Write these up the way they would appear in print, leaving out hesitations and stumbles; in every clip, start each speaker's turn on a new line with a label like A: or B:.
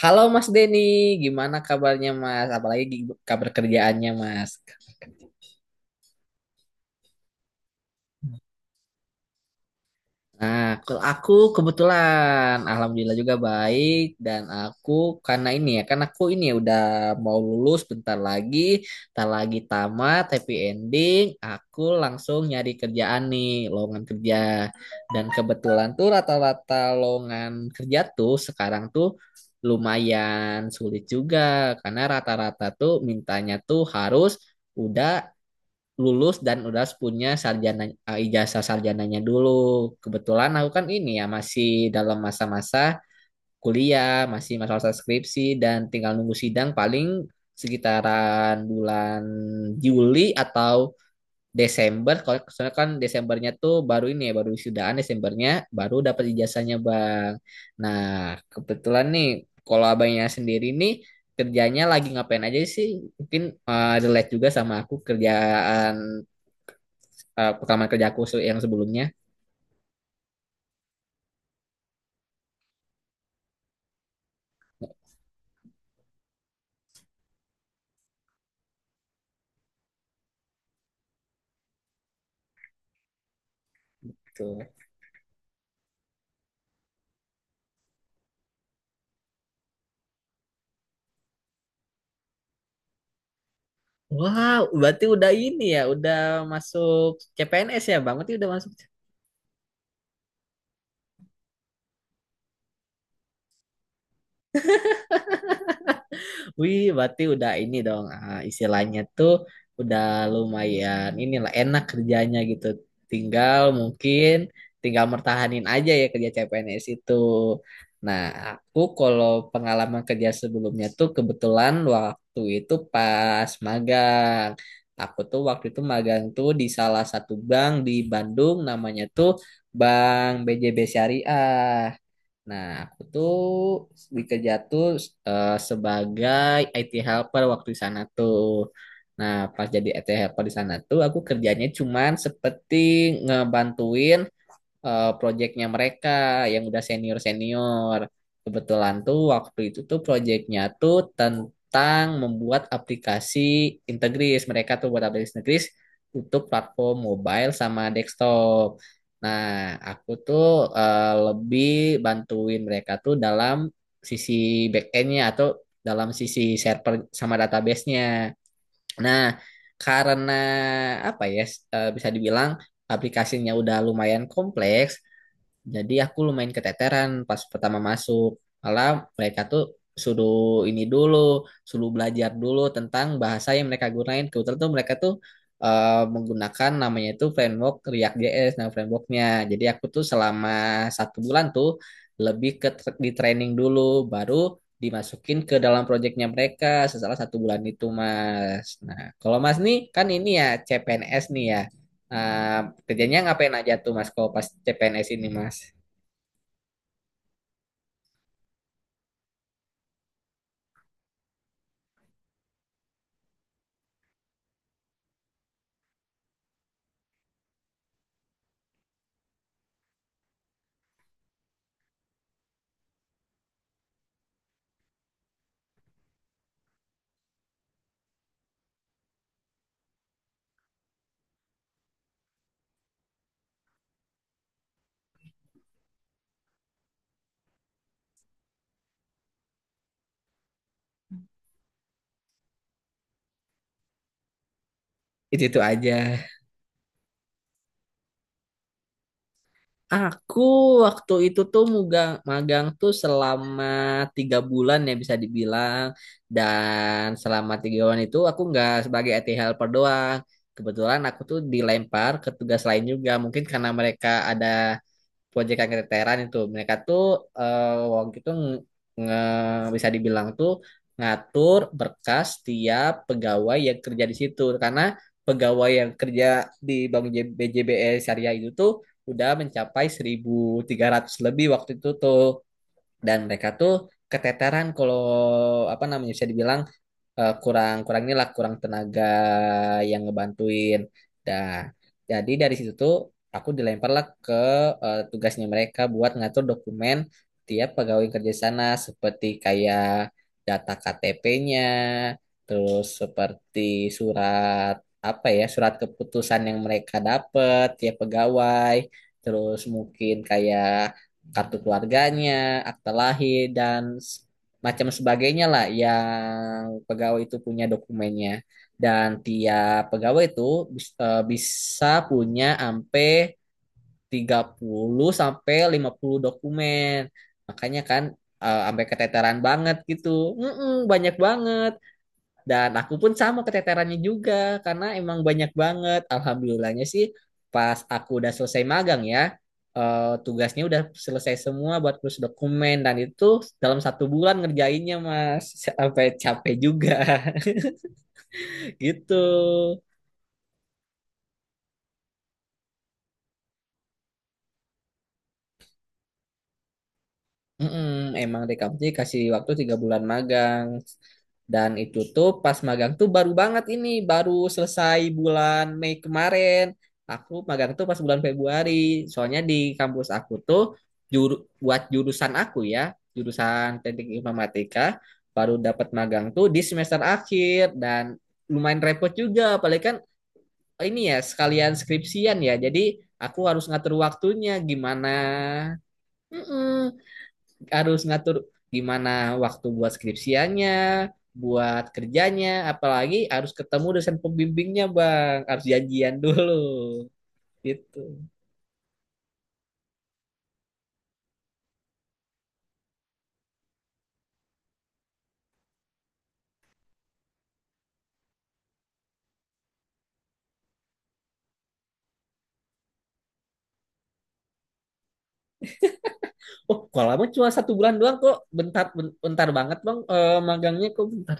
A: Halo Mas Denny, gimana kabarnya Mas? Apalagi kabar kerjaannya Mas? Nah, kalau aku kebetulan, alhamdulillah juga baik dan aku karena ini ya, karena aku ini ya udah mau lulus bentar lagi, tak lagi tamat, happy ending, aku langsung nyari kerjaan nih, lowongan kerja. Dan kebetulan tuh rata-rata lowongan kerja tuh sekarang tuh lumayan sulit juga karena rata-rata tuh mintanya tuh harus udah lulus dan udah punya ijazah sarjananya dulu. Kebetulan aku kan ini ya masih dalam masa-masa kuliah, masih masa-masa skripsi dan tinggal nunggu sidang paling sekitaran bulan Juli atau Desember. Kalau soalnya kan Desembernya tuh baru ini ya, baru sudahan Desembernya baru dapat ijazahnya, Bang. Nah, kebetulan nih kalau abangnya sendiri nih kerjanya lagi ngapain aja sih? Mungkin relate juga sama aku pengalaman kerja yang sebelumnya tuh. Wow, berarti udah ini ya, udah masuk CPNS ya, Bang? Berarti udah masuk. Wih, berarti udah ini dong, ah, istilahnya tuh udah lumayan inilah enak kerjanya gitu. Tinggal mungkin tinggal mertahanin aja ya kerja CPNS itu. Nah, aku kalau pengalaman kerja sebelumnya tuh kebetulan waktu itu pas magang. Aku tuh waktu itu magang tuh di salah satu bank di Bandung namanya tuh Bank BJB Syariah. Nah, aku tuh dikerja tuh sebagai IT helper waktu di sana tuh. Nah, pas jadi IT helper di sana tuh, aku kerjanya cuman seperti ngebantuin proyeknya mereka yang udah senior-senior. Kebetulan tuh waktu itu tuh proyeknya tuh tentang membuat aplikasi Integris. Mereka tuh buat aplikasi Integris untuk platform mobile sama desktop. Nah, aku tuh lebih bantuin mereka tuh dalam sisi backendnya atau dalam sisi server sama database-nya. Nah, karena apa ya bisa dibilang aplikasinya udah lumayan kompleks, jadi aku lumayan keteteran pas pertama masuk. Malah mereka tuh suruh ini dulu, suruh belajar dulu tentang bahasa yang mereka gunain. Kebetulan tuh mereka tuh menggunakan namanya itu framework React.js, nah frameworknya. Jadi aku tuh selama satu bulan tuh lebih ke di training dulu, baru dimasukin ke dalam proyeknya mereka setelah satu bulan itu, Mas. Nah, kalau Mas nih kan ini ya CPNS nih ya. Nah, kerjanya ngapain aja tuh Mas kalau pas CPNS ini Mas? Itu aja. Aku waktu itu tuh magang tuh selama 3 bulan ya bisa dibilang. Dan selama 3 bulan itu aku nggak sebagai IT helper doang. Kebetulan aku tuh dilempar ke tugas lain juga. Mungkin karena mereka ada proyek keteteran itu mereka tuh eh, waktu itu bisa dibilang tuh ngatur berkas tiap pegawai yang kerja di situ karena pegawai yang kerja di Bank BJBS Syariah itu tuh udah mencapai 1.300 lebih waktu itu tuh dan mereka tuh keteteran kalau apa namanya bisa dibilang kurang kurang inilah kurang tenaga yang ngebantuin. Nah, jadi dari situ tuh aku dilemparlah ke tugasnya mereka buat ngatur dokumen tiap pegawai kerja sana seperti kayak data KTP-nya, terus seperti surat apa ya surat keputusan yang mereka dapat tiap pegawai, terus mungkin kayak kartu keluarganya, akta lahir dan macam sebagainya lah yang pegawai itu punya dokumennya dan tiap pegawai itu bisa punya sampai 30 sampai 50 dokumen. Makanya kan sampai keteteran banget gitu. Mm-mm, banyak banget. Dan aku pun sama keteterannya juga karena emang banyak banget. Alhamdulillahnya sih pas aku udah selesai magang ya, tugasnya udah selesai semua buat kursus dokumen dan itu dalam satu bulan ngerjainnya Mas. Sampai capek juga gitu. Mm-mm, emang Rekap J kasih waktu 3 bulan magang. Dan itu tuh pas magang tuh baru banget ini, baru selesai bulan Mei kemarin. Aku magang tuh pas bulan Februari. Soalnya di kampus aku tuh juru, buat jurusan aku ya, jurusan Teknik Informatika, baru dapat magang tuh di semester akhir dan lumayan repot juga, apalagi kan oh ini ya sekalian skripsian ya. Jadi aku harus ngatur waktunya gimana. Mm-mm, harus ngatur gimana waktu buat skripsiannya, buat kerjanya, apalagi harus ketemu dosen pembimbingnya, Bang. Harus janjian dulu. Gitu. Oh, kalau lama cuma satu bulan doang kok. Bentar, bentar banget, Bang. Eh, magangnya kok bentar.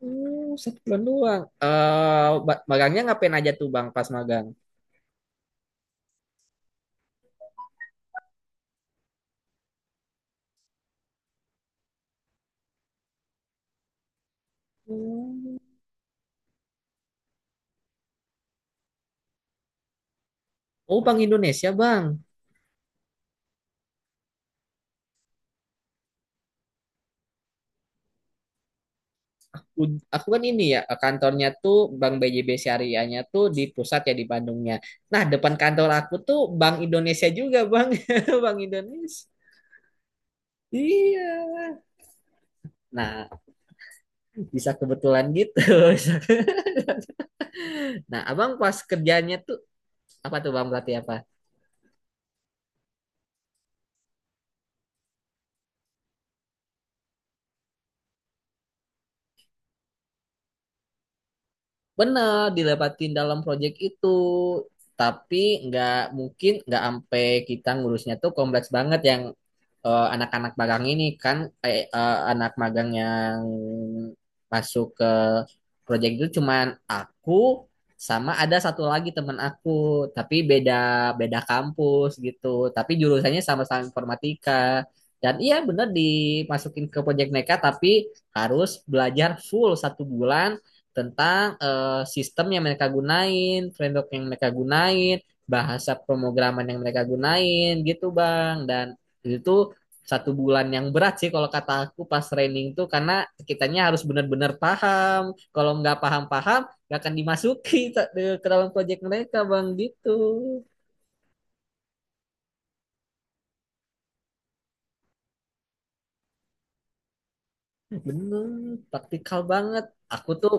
A: Hmm, satu bulan doang. Eh, magangnya ngapain aja tuh, Bang, pas magang? Hmm. Oh, Bang Indonesia, Bang. Aku kan ini ya kantornya tuh Bank BJB Syariahnya tuh di pusat ya di Bandungnya. Nah, depan kantor aku tuh Bank Indonesia juga, Bang. Bank Indonesia. Iya. Nah, bisa kebetulan gitu. Nah, Abang pas kerjanya tuh apa tuh Bang, berarti apa? Bener, dilepatin dalam proyek itu. Tapi nggak mungkin nggak sampai kita ngurusnya tuh kompleks banget yang anak-anak magang ini kan anak magang yang masuk ke project itu cuman aku sama ada satu lagi teman aku, tapi beda beda kampus gitu. Tapi jurusannya sama-sama informatika. Dan iya bener dimasukin ke project mereka, tapi harus belajar full satu bulan tentang sistem yang mereka gunain, framework yang mereka gunain, bahasa pemrograman yang mereka gunain gitu Bang. Dan itu satu bulan yang berat sih kalau kata aku pas training tuh karena kitanya harus benar-benar paham kalau nggak paham-paham nggak akan dimasuki ke dalam proyek mereka bang gitu. Bener, praktikal banget, aku tuh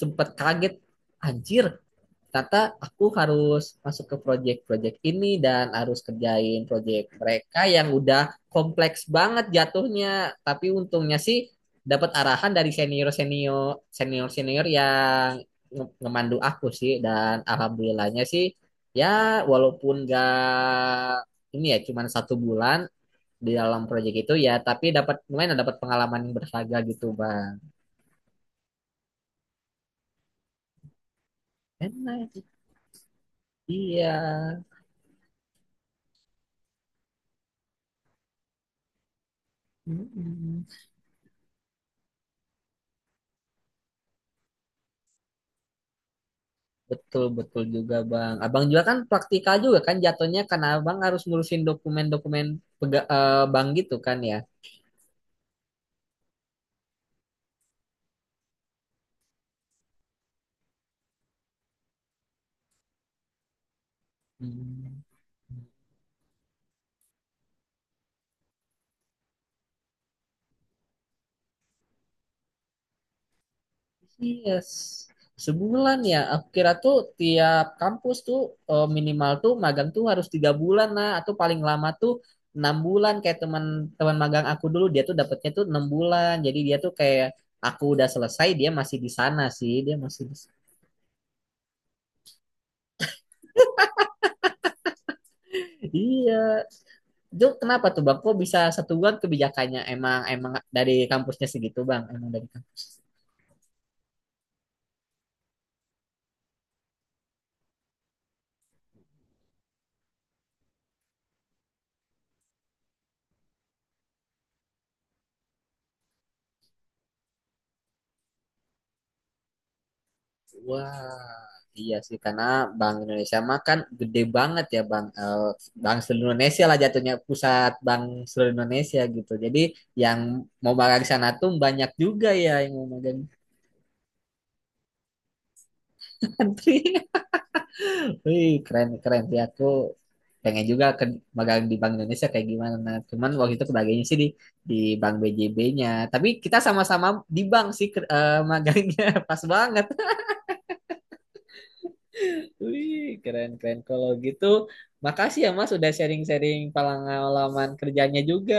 A: sempat kaget anjir ternyata aku harus masuk ke project-project ini dan harus kerjain project mereka yang udah kompleks banget jatuhnya. Tapi untungnya sih dapat arahan dari senior-senior yang ngemandu aku sih dan alhamdulillahnya sih ya walaupun gak ini ya cuman satu bulan di dalam proyek itu ya, tapi dapat lumayan dapat pengalaman yang berharga gitu bang. Enak. Iya. Mm-mm. Betul, betul juga Bang. Abang juga kan praktikal juga kan jatuhnya karena Abang harus ngurusin dokumen-dokumen bank gitu kan ya. Hmm. Yes. Sebulan ya. Aku kira tuh tiap kampus tuh minimal tuh magang tuh harus 3 bulan lah atau paling lama tuh 6 bulan kayak teman-teman magang aku dulu dia tuh dapatnya tuh 6 bulan. Jadi dia tuh kayak aku udah selesai dia masih di sana sih dia masih di... Iya. Itu kenapa tuh bang? Kok bisa satu bulan kebijakannya emang emang dari kampusnya segitu bang? Emang dari kampus. Wah, iya sih karena Bank Indonesia mah kan gede banget ya bang. Eh, bank seluruh Indonesia lah jatuhnya pusat bank seluruh Indonesia gitu. Jadi yang mau magang sana tuh banyak juga ya yang mau magang di country. Wih, keren keren sih aku pengen juga ke magang di Bank Indonesia kayak gimana. Nah, cuman waktu itu kebagiannya sih di Bank BJB-nya. Tapi kita sama-sama di bank sih magangnya pas banget. Wih, keren keren. Kalau gitu, makasih ya Mas udah sharing-sharing pengalaman kerjanya juga.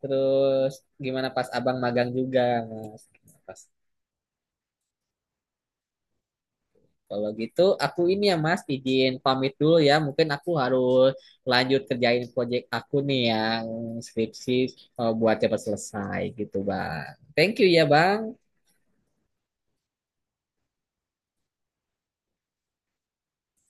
A: Terus gimana pas Abang magang juga, Mas. Pas. Kalau gitu aku ini ya Mas izin pamit dulu ya. Mungkin aku harus lanjut kerjain proyek aku nih yang skripsi buat cepat selesai gitu Bang. Thank you ya Bang.